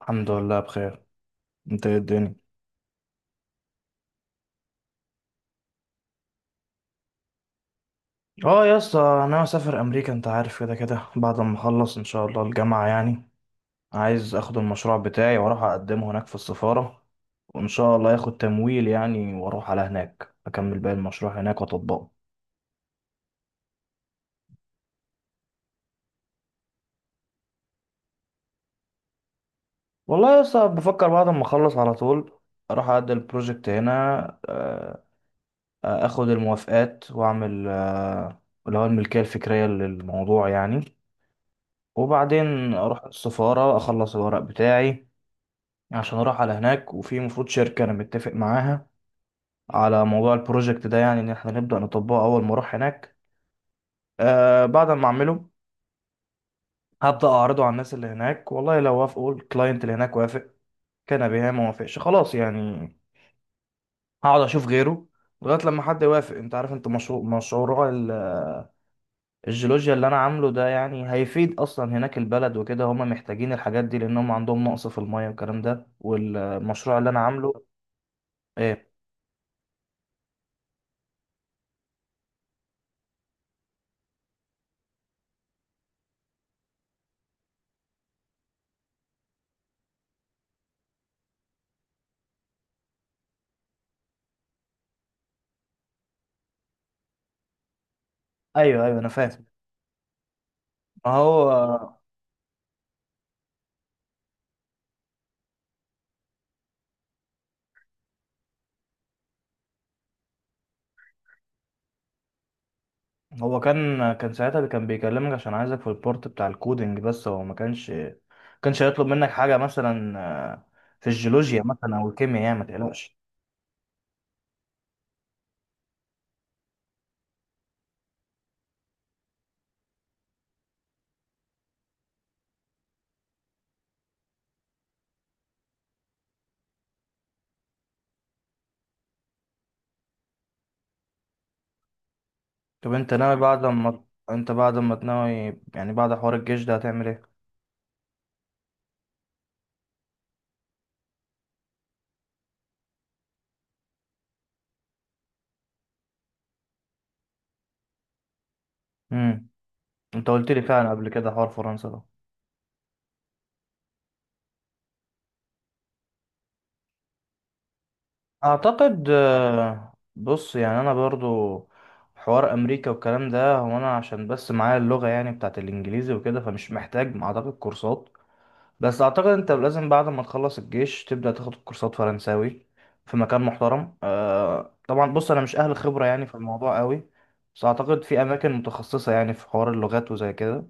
الحمد لله بخير. انت ايه الدنيا؟ اه يا اسطى، انا مسافر امريكا انت عارف كده كده بعد ما اخلص ان شاء الله الجامعه يعني. عايز اخد المشروع بتاعي واروح اقدمه هناك في السفاره. وان شاء الله ياخد تمويل يعني، واروح على هناك اكمل باقي المشروع هناك واطبقه. والله يا اسطى، بفكر بعد ما اخلص على طول اروح اقدم البروجكت هنا، آه، اخد الموافقات واعمل اللي هو الملكيه الفكريه للموضوع يعني. وبعدين اروح السفاره اخلص الورق بتاعي عشان اروح على هناك. وفي مفروض شركة انا متفق معاها على موضوع البروجكت ده، يعني ان احنا نبدأ نطبقه اول ما اروح هناك. بعد ما اعمله هبدأ اعرضه على الناس اللي هناك. والله لو وافقوا الكلاينت اللي هناك وافق كان بها، ما وافقش خلاص يعني هقعد اشوف غيره لغاية لما حد يوافق. انت عارف انت، الجيولوجيا اللي انا عامله ده يعني هيفيد اصلا هناك البلد وكده، هم محتاجين الحاجات دي لانهم عندهم نقص في المية والكلام ده والمشروع اللي انا عامله. ايه؟ ايوه ايوه انا فاهم. ما هو، هو كان ساعتها اللي كان بيكلمك عشان عايزك في البورت بتاع الكودينج، بس هو ما كانش هيطلب منك حاجة مثلا في الجيولوجيا مثلا أو الكيمياء، يعني ما تقلقش. طب أنت بعد ما تناوي يعني بعد حوار الجيش ده، هتعمل إيه؟ امم أنت قلت لي فعلا قبل كده حوار فرنسا ده. أعتقد، بص، يعني أنا برضو حوار أمريكا والكلام ده، هو أنا عشان بس معايا اللغة يعني بتاعت الإنجليزي وكده فمش محتاج أعتقد كورسات. بس اعتقد انت لازم بعد ما تخلص الجيش تبدأ تاخد كورسات فرنساوي في مكان محترم. طبعا بص، انا مش اهل خبرة يعني في الموضوع قوي. بس اعتقد في اماكن متخصصة يعني في حوار اللغات وزي كده.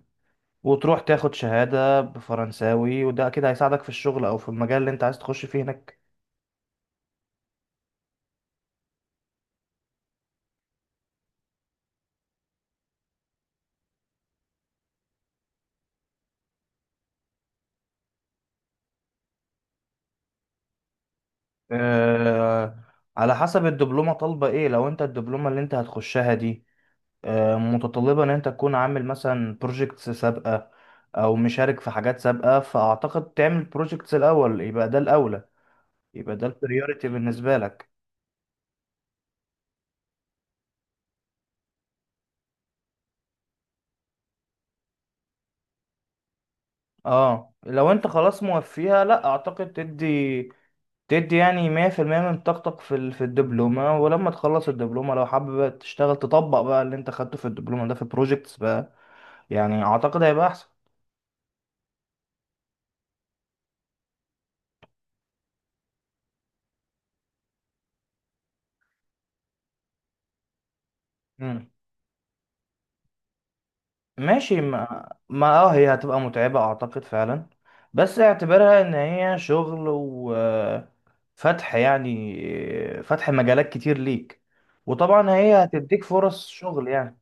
وتروح تاخد شهادة بفرنساوي وده اكيد هيساعدك في الشغل او في المجال اللي انت عايز تخش فيه هناك. آه على حسب الدبلومة طالبة ايه. لو انت الدبلومة اللي انت هتخشها دي متطلبة ان انت تكون عامل مثلا بروجيكتس سابقة او مشارك في حاجات سابقة، فاعتقد تعمل بروجيكتس الاول يبقى ده الاولى، يبقى ده البريوريتي بالنسبة لك. اه لو انت خلاص موفيها لا، اعتقد تدي يعني 100% من طاقتك في الدبلومة. ولما تخلص الدبلومة لو حابب تشتغل تطبق بقى اللي انت خدته في الدبلومة ده في بروجيكتس بقى، يعني اعتقد هيبقى احسن. ماشي، ما, ما هي هتبقى متعبة اعتقد فعلا. بس اعتبرها ان هي شغل وفتح يعني فتح مجالات كتير ليك، وطبعا هي هتديك فرص شغل يعني.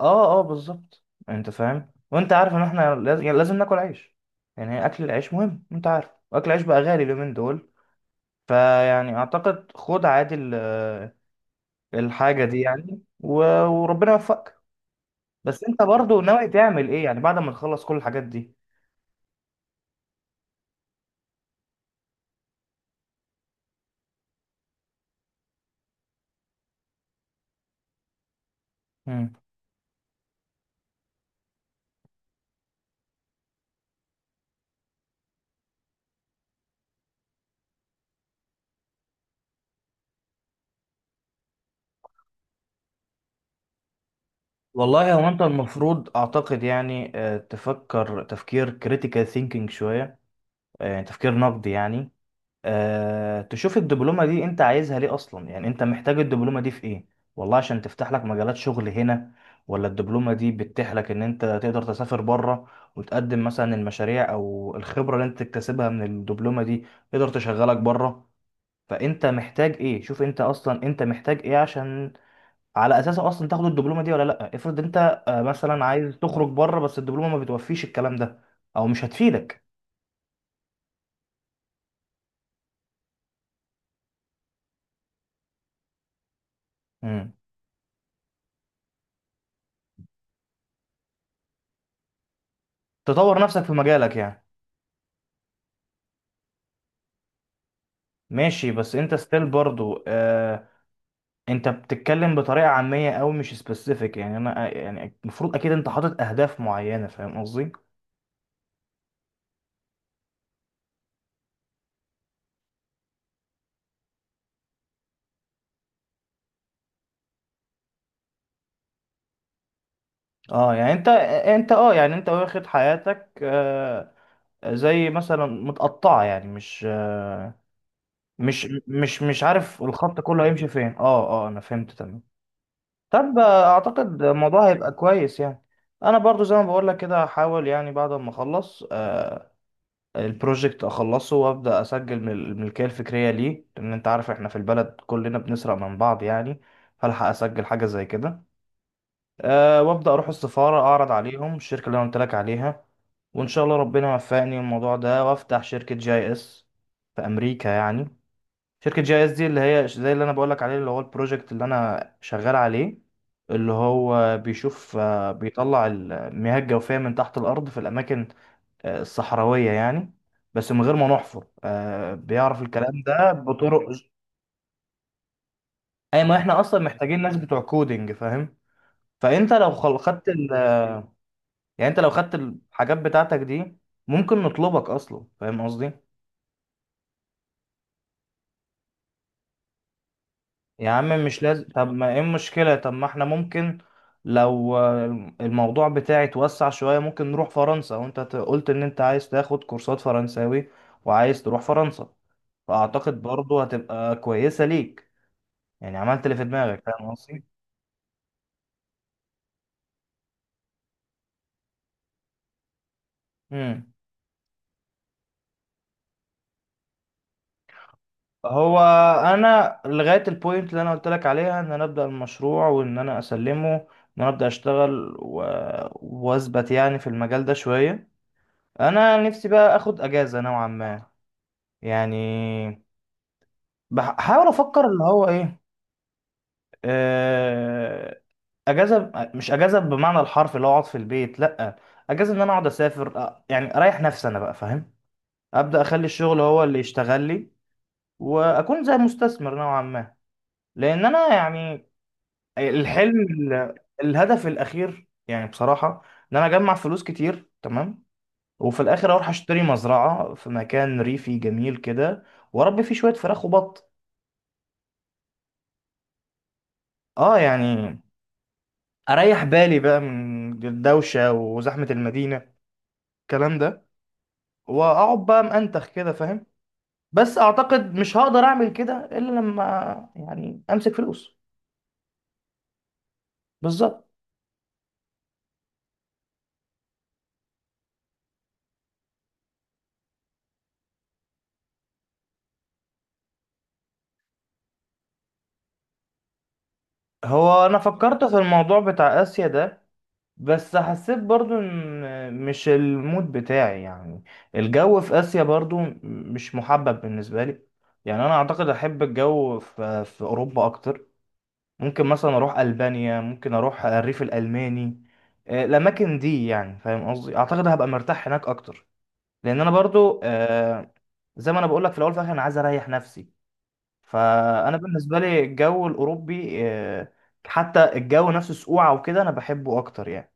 اه اه، بالظبط انت فاهم، وانت عارف ان احنا لازم, يعني لازم ناكل عيش. يعني اكل العيش مهم انت عارف، واكل العيش بقى غالي اليومين دول. فيعني اعتقد خد عادي الحاجة دي يعني وربنا يوفقك. بس انت برضو ناوي تعمل ايه يعني بعد ما نخلص كل الحاجات دي؟ مم. والله هو انت المفروض اعتقد يعني تفكر تفكير كريتيكال ثينكينج شوية، يعني تفكير نقدي يعني. تشوف الدبلومة دي انت عايزها ليه اصلا يعني، انت محتاج الدبلومة دي في ايه؟ والله عشان تفتح لك مجالات شغل هنا، ولا الدبلومة دي بتتيح لك ان انت تقدر تسافر بره وتقدم مثلا المشاريع او الخبرة اللي انت تكتسبها من الدبلومة دي تقدر تشغلك بره. فانت محتاج ايه، شوف انت اصلا انت محتاج ايه عشان على اساسه اصلا تاخد الدبلومه دي ولا لا. افرض انت مثلا عايز تخرج بره بس الدبلومه ما بتوفيش الكلام ده او مش هتفيدك. مم. تطور نفسك في مجالك يعني. ماشي بس انت ستيل برضو، انت بتتكلم بطريقه عاميه او مش سبيسيفيك، يعني انا يعني المفروض اكيد انت حاطط اهداف معينه، فاهم قصدي؟ اه يعني انت آه، انت اه يعني انت واخد حياتك زي مثلا متقطعه، يعني مش آه، مش مش مش عارف الخط كله هيمشي فين. اه اه انا فهمت تمام. طب اعتقد الموضوع هيبقى كويس يعني. انا برضو زي ما بقول لك كده هحاول يعني بعد ما اخلص البروجكت اخلصه وابدا اسجل من الملكيه الفكريه ليه، لان انت عارف احنا في البلد كلنا بنسرق من بعض يعني. فالحق اسجل حاجه زي كده، وابدا اروح السفاره اعرض عليهم الشركه اللي انا قلت لك عليها. وان شاء الله ربنا يوفقني الموضوع ده، وافتح شركه جي اس في امريكا يعني. شركة جي اس دي اللي هي زي اللي انا بقولك عليه، اللي هو البروجكت اللي انا شغال عليه. اللي هو بيشوف بيطلع المياه الجوفية من تحت الأرض في الأماكن الصحراوية يعني. بس من غير ما نحفر، بيعرف الكلام ده بطرق. أي، ما احنا أصلا محتاجين ناس بتوع كودينج فاهم. فأنت لو يعني أنت لو خدت الحاجات بتاعتك دي، ممكن نطلبك أصلا، فاهم قصدي؟ يا عم مش لازم، طب ما ايه المشكلة، طب ما احنا ممكن، لو الموضوع بتاعي اتوسع شوية ممكن نروح فرنسا. وانت قلت ان انت عايز تاخد كورسات فرنساوي وعايز تروح فرنسا. فاعتقد برضو هتبقى كويسة ليك، يعني عملت اللي في دماغك، فاهم قصدي؟ امم هو انا لغاية البوينت اللي انا قلت لك عليها ان انا ابدأ المشروع وان انا اسلمه، ان انا ابدأ اشتغل واثبت يعني في المجال ده شوية. انا نفسي بقى اخد اجازة نوعا ما، يعني بحاول افكر اللي هو ايه، آه، اجازه مش اجازه بمعنى الحرف اللي هو اقعد في البيت، لا. اجازه ان انا اقعد اسافر، يعني اريح نفسي انا بقى فاهم. ابدا اخلي الشغل هو اللي يشتغل لي، واكون زي مستثمر نوعا ما. لان انا يعني الحلم الهدف الاخير يعني بصراحه، ان انا اجمع فلوس كتير تمام. وفي الاخر اروح اشتري مزرعه في مكان ريفي جميل كده واربي فيه شويه فراخ وبط. اه، يعني اريح بالي بقى من الدوشه وزحمه المدينه الكلام ده، واقعد بقى منتخ كده فاهم. بس اعتقد مش هقدر اعمل كده الا لما، يعني امسك فلوس بالظبط. هو انا فكرت في الموضوع بتاع اسيا ده، بس حسيت برضو ان مش المود بتاعي يعني. الجو في اسيا برضو مش محبب بالنسبه لي. يعني انا اعتقد احب الجو في اوروبا اكتر. ممكن مثلا اروح البانيا، ممكن اروح الريف الالماني. الاماكن دي يعني فاهم قصدي، اعتقد هبقى مرتاح هناك اكتر. لان انا برضو زي ما انا بقول لك في الاول وفي الاخر انا عايز اريح نفسي. فانا بالنسبه لي الجو الاوروبي، حتى الجو نفسه سقوعه وكده انا بحبه اكتر يعني.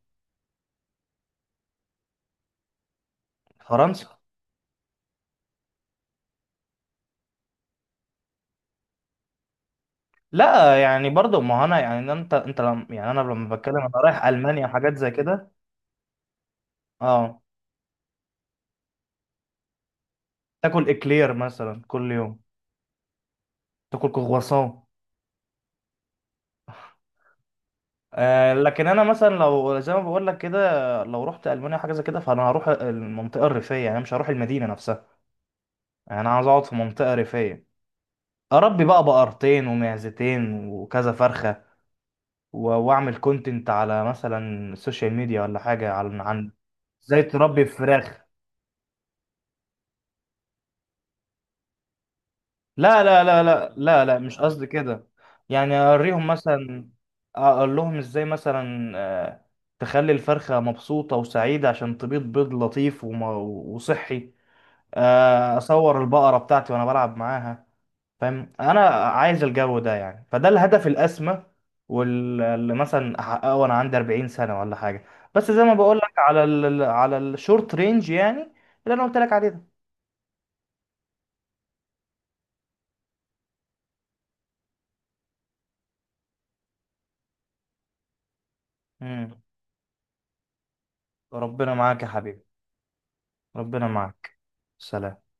فرنسا، لا يعني برضو، ما هو انا يعني انت انت لم يعني انا لما بتكلم انا رايح المانيا وحاجات زي كده. اه، تاكل اكلير مثلا كل يوم، تاكل كرواسون. لكن انا مثلا لو زي ما بقول لك كده، لو رحت المانيا حاجه زي كده فانا هروح المنطقه الريفيه، يعني مش هروح المدينه نفسها. يعني انا عاوز اقعد في منطقه ريفيه، اربي بقى بقرتين ومعزتين وكذا فرخه. واعمل كونتنت على مثلا السوشيال ميديا ولا حاجه عن ازاي تربي فراخ. لا لا لا لا لا لا، مش قصدي كده. يعني اوريهم مثلا، اقول لهم ازاي مثلا تخلي الفرخة مبسوطة وسعيدة عشان تبيض بيض لطيف وصحي. اصور البقره بتاعتي وانا بلعب معاها. فاهم، انا عايز الجو ده يعني فده الهدف الاسمى. واللي مثلا احققه وانا عندي 40 سنه ولا حاجه. بس زي ما بقول لك على الشورت رينج يعني اللي انا قلت لك عليه ده. مم. ربنا معاك يا حبيبي. ربنا معاك. سلام.